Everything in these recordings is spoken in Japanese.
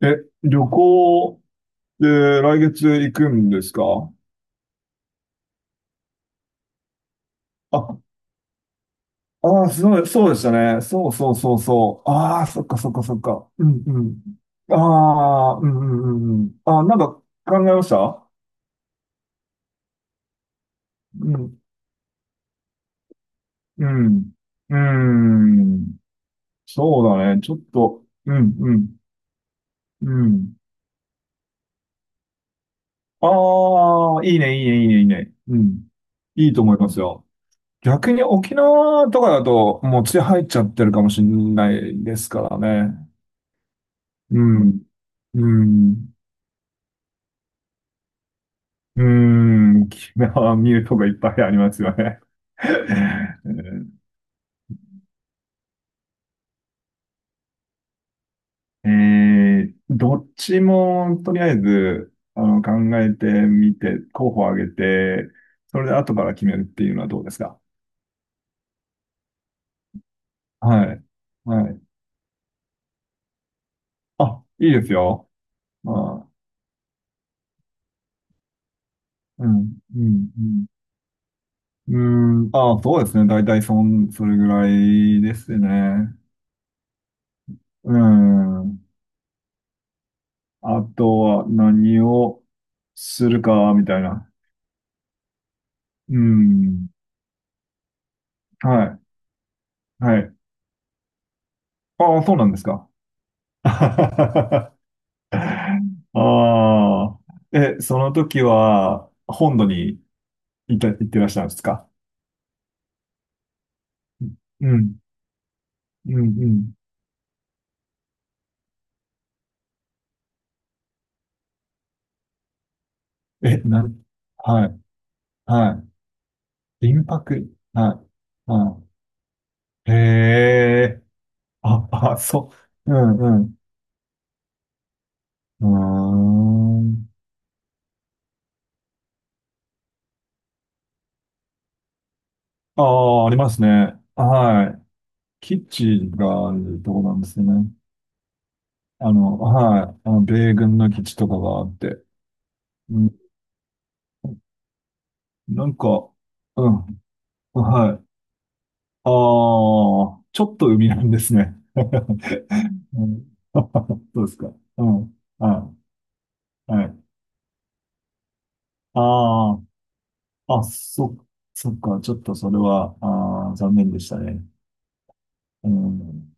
え、旅行で来月行くんですか？あ、ああ、そうそうでしたね。そうそうそうそう。ああ、そっかそっかそっか。うんうん。ああ、うんうんうんうん。ああ、なんか考えました。うん、うん、うん。そうだね。ちょっと、うん、うん、うん。ああ、いいね、いいね、いいね、いいね。うん。いいと思いますよ。逆に沖縄とかだと、もう血入っちゃってるかもしれないですからね。うん、うん、うん、キラーミュートがいっぱいありますよね。うん。どっちもとりあえず考えてみて、候補を挙げて、それで後から決めるっていうのはどうですか？はい。はい。あ、いいですよ。あ、うん、うん、うん。うん、あ、そうですね。大体それぐらいですね。うん。あとは何をするか、みたいな。うん。はい。はい。ああ、そうなんですか。ああ。その時は、本土に行ってらっしゃるんですか？うん。うん。うん。え、なん、はい。はい。民泊。はい。はい。へえ。あ、あ、そう。うん、うん。うーん。ああ、ありますね。はい。基地があるとこなんですね。はい。あの、米軍の基地とかがあって。うん、なんか、うん、はい。ああ、ちょっと海なんですね。うん、そうですか。うん、はい、はい。ああ、そっか。ちょっとそれは、ああ、残念でしたね。うん。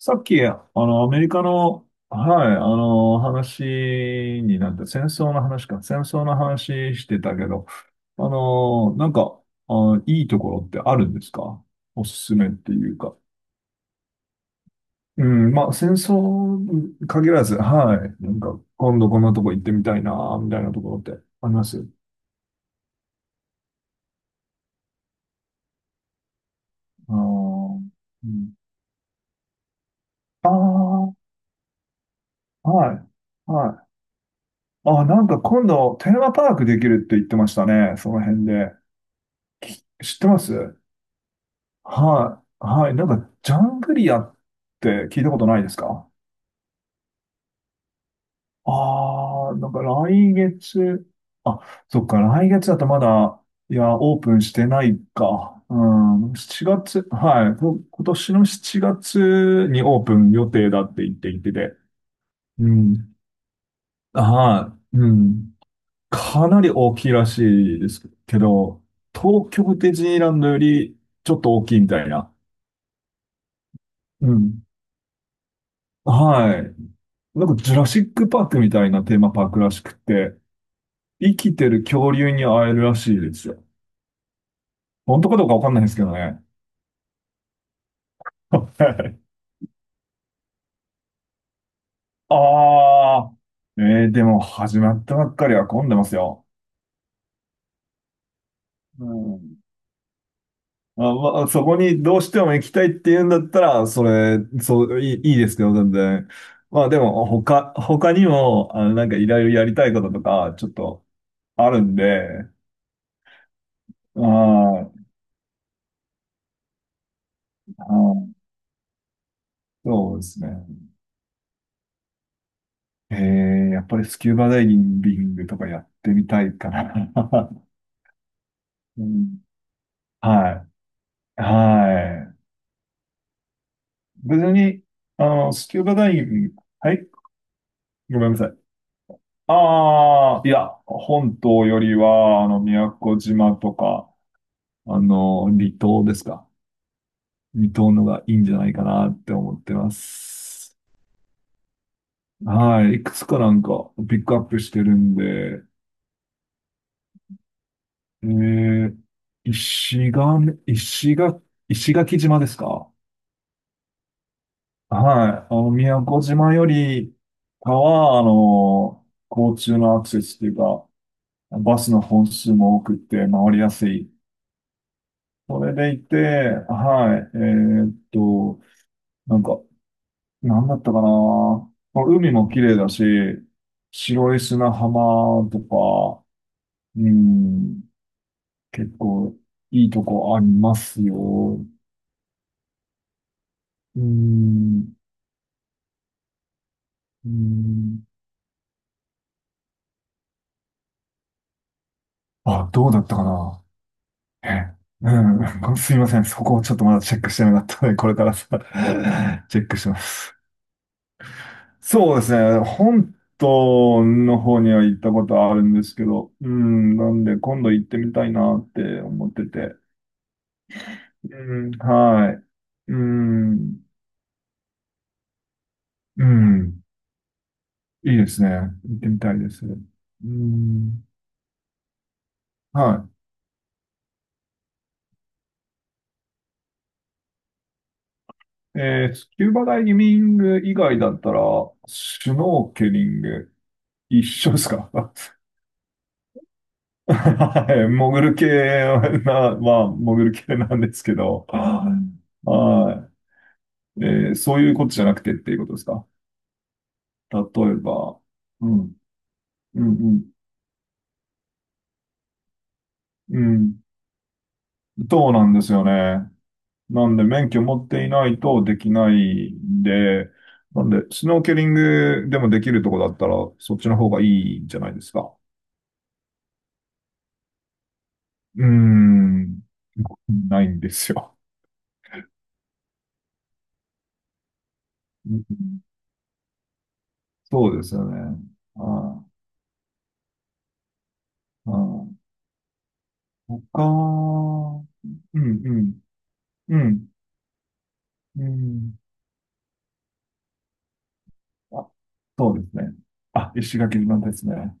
さっき、アメリカの、はい、話になって、戦争の話か、戦争の話してたけど、あの、なんか、あ、いいところってあるんですか？おすすめっていうか。うん、まあ、戦争に限らず、はい、なんか、今度こんなとこ行ってみたいな、みたいなところってあります？あの、うん、ああ、はい、はい。あ、なんか今度、テーマパークできるって言ってましたね、その辺で。知ってます？はい、はい。なんか、ジャングリアって聞いたことないですか？ああー、なんか来月、あ、そっか、来月だとまだ、いや、オープンしてないか。うん、7月、はい、今年の7月にオープン予定だって言っていてて、うん、はい、うん。かなり大きいらしいですけど、東京ディズニーランドよりちょっと大きいみたいな。うん。はい。なんかジュラシックパークみたいなテーマパークらしくて、生きてる恐竜に会えるらしいですよ。本当かどうかわかんないんですけどね。ああ、でも始まったばっかりは混んでますよ。うん。あ、まあ、そこにどうしても行きたいって言うんだったら、それ、そう、いい、いいですけど、全然。まあでも、他にも、なんかいろいろやりたいこととか、ちょっとあるんで、ああ、ああ、そうですね。えー、やっぱりスキューバダイビングとかやってみたいかな。うん、はい。はい。別に、スキューバダイビング、はい、ごめんなさい。ああ、いや、本島よりは、宮古島とか、離島ですか。離島のがいいんじゃないかなって思ってます。はい。いくつかなんか、ピックアップしてるんで、えー、石垣、石垣、石垣島ですか？はい。宮古島よりかは、交通のアクセスというか、バスの本数も多くて回りやすい。それでいて、はい。ーっと、なんか、なんだったかな。海も綺麗だし、白い砂浜とか、うん、結構いいとこありますよ。うん、うん、あ、どうだったかな。ええうん、すいません。そこをちょっとまだチェックしてなかったので、これからさ、チェックします。そうですね。本島の方には行ったことあるんですけど、うん、なんで今度行ってみたいなって思ってて。うん、はい。うん、うん、いいですね。行ってみたいです。うん、はい。スキューバダイビング以外だったら、シュノーケリング、一緒ですか？ はい、潜る系な、まあ、潜る系なんですけど、はい。そういうことじゃなくてっていうことですか。例えば、うん、うん、うん、うん。そうなんですよね。なんで、免許持っていないとできないんで、なんで、スノーケリングでもできるとこだったら、そっちの方がいいんじゃないですか。うーん、ないんですよ。うん。そうですよね。はい、はい。他、うん、うん、うん、うん。あ、そうですね。あ、石垣島ですね。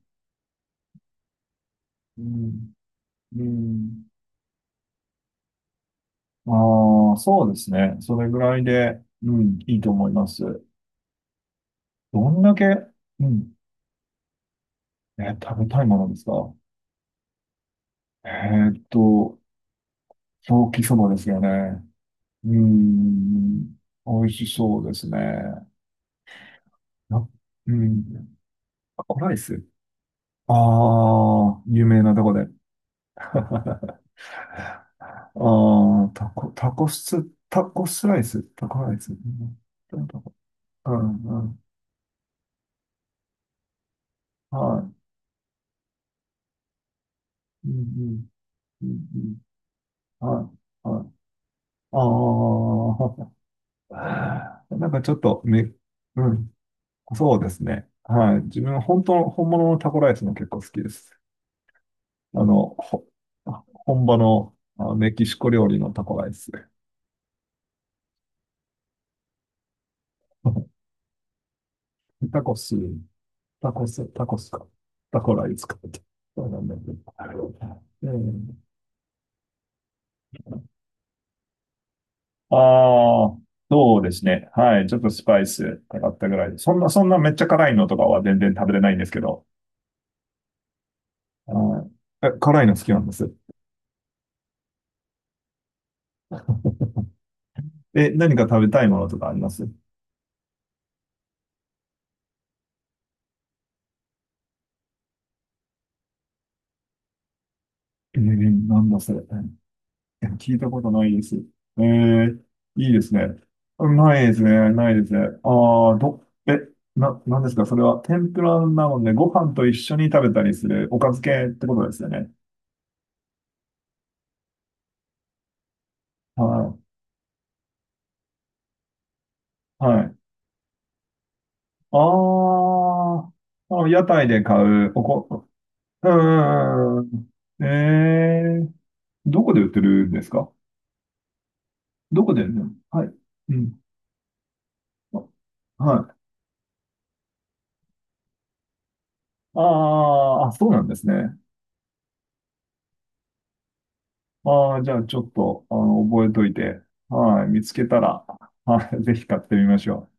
うん、うん。ああ、そうですね。それぐらいで、うん、いいと思います。どんだけ、うん、食べたいものですか？えーっと、ソーキそばですよね。うん、美味しそうですね。なうん、タコライス。ああ、有名なとこで。ああ、タコス、タコスライス、タコライス。うん。タコ。うん、うん。はい。うん、うん。うん、うん。はい。はい。ああ。なんかちょっとうん。そうですね。はい。自分、本物のタコライスも結構好きです。あの、ほ、本場のメキシコ料理のタコライス。タコス、タコス、タコスか。タコライスかって。そうなんだけど。ええああ、そうですね。はい。ちょっとスパイスかかったぐらいで。そんなめっちゃ辛いのとかは全然食べれないんですけど。はい。辛いの好きなんです。何か食べたいものとかあります？なんだそれ。聞いたことないです。いいですね。ないですね。ないですね。ああ、ど、え、な、なんですかそれは？天ぷらなので、ご飯と一緒に食べたりするおかず系ってことですよね。はい。はい。ああ、あ、屋台で買う、うん、うん、うん、うん。どこで売ってるんですか？どこで売るの、はい。うん。あ、はい。ああ、あ、そうなんですね。ああ、じゃあちょっと、覚えといて、はい、見つけたら、はい、ぜひ買ってみましょう。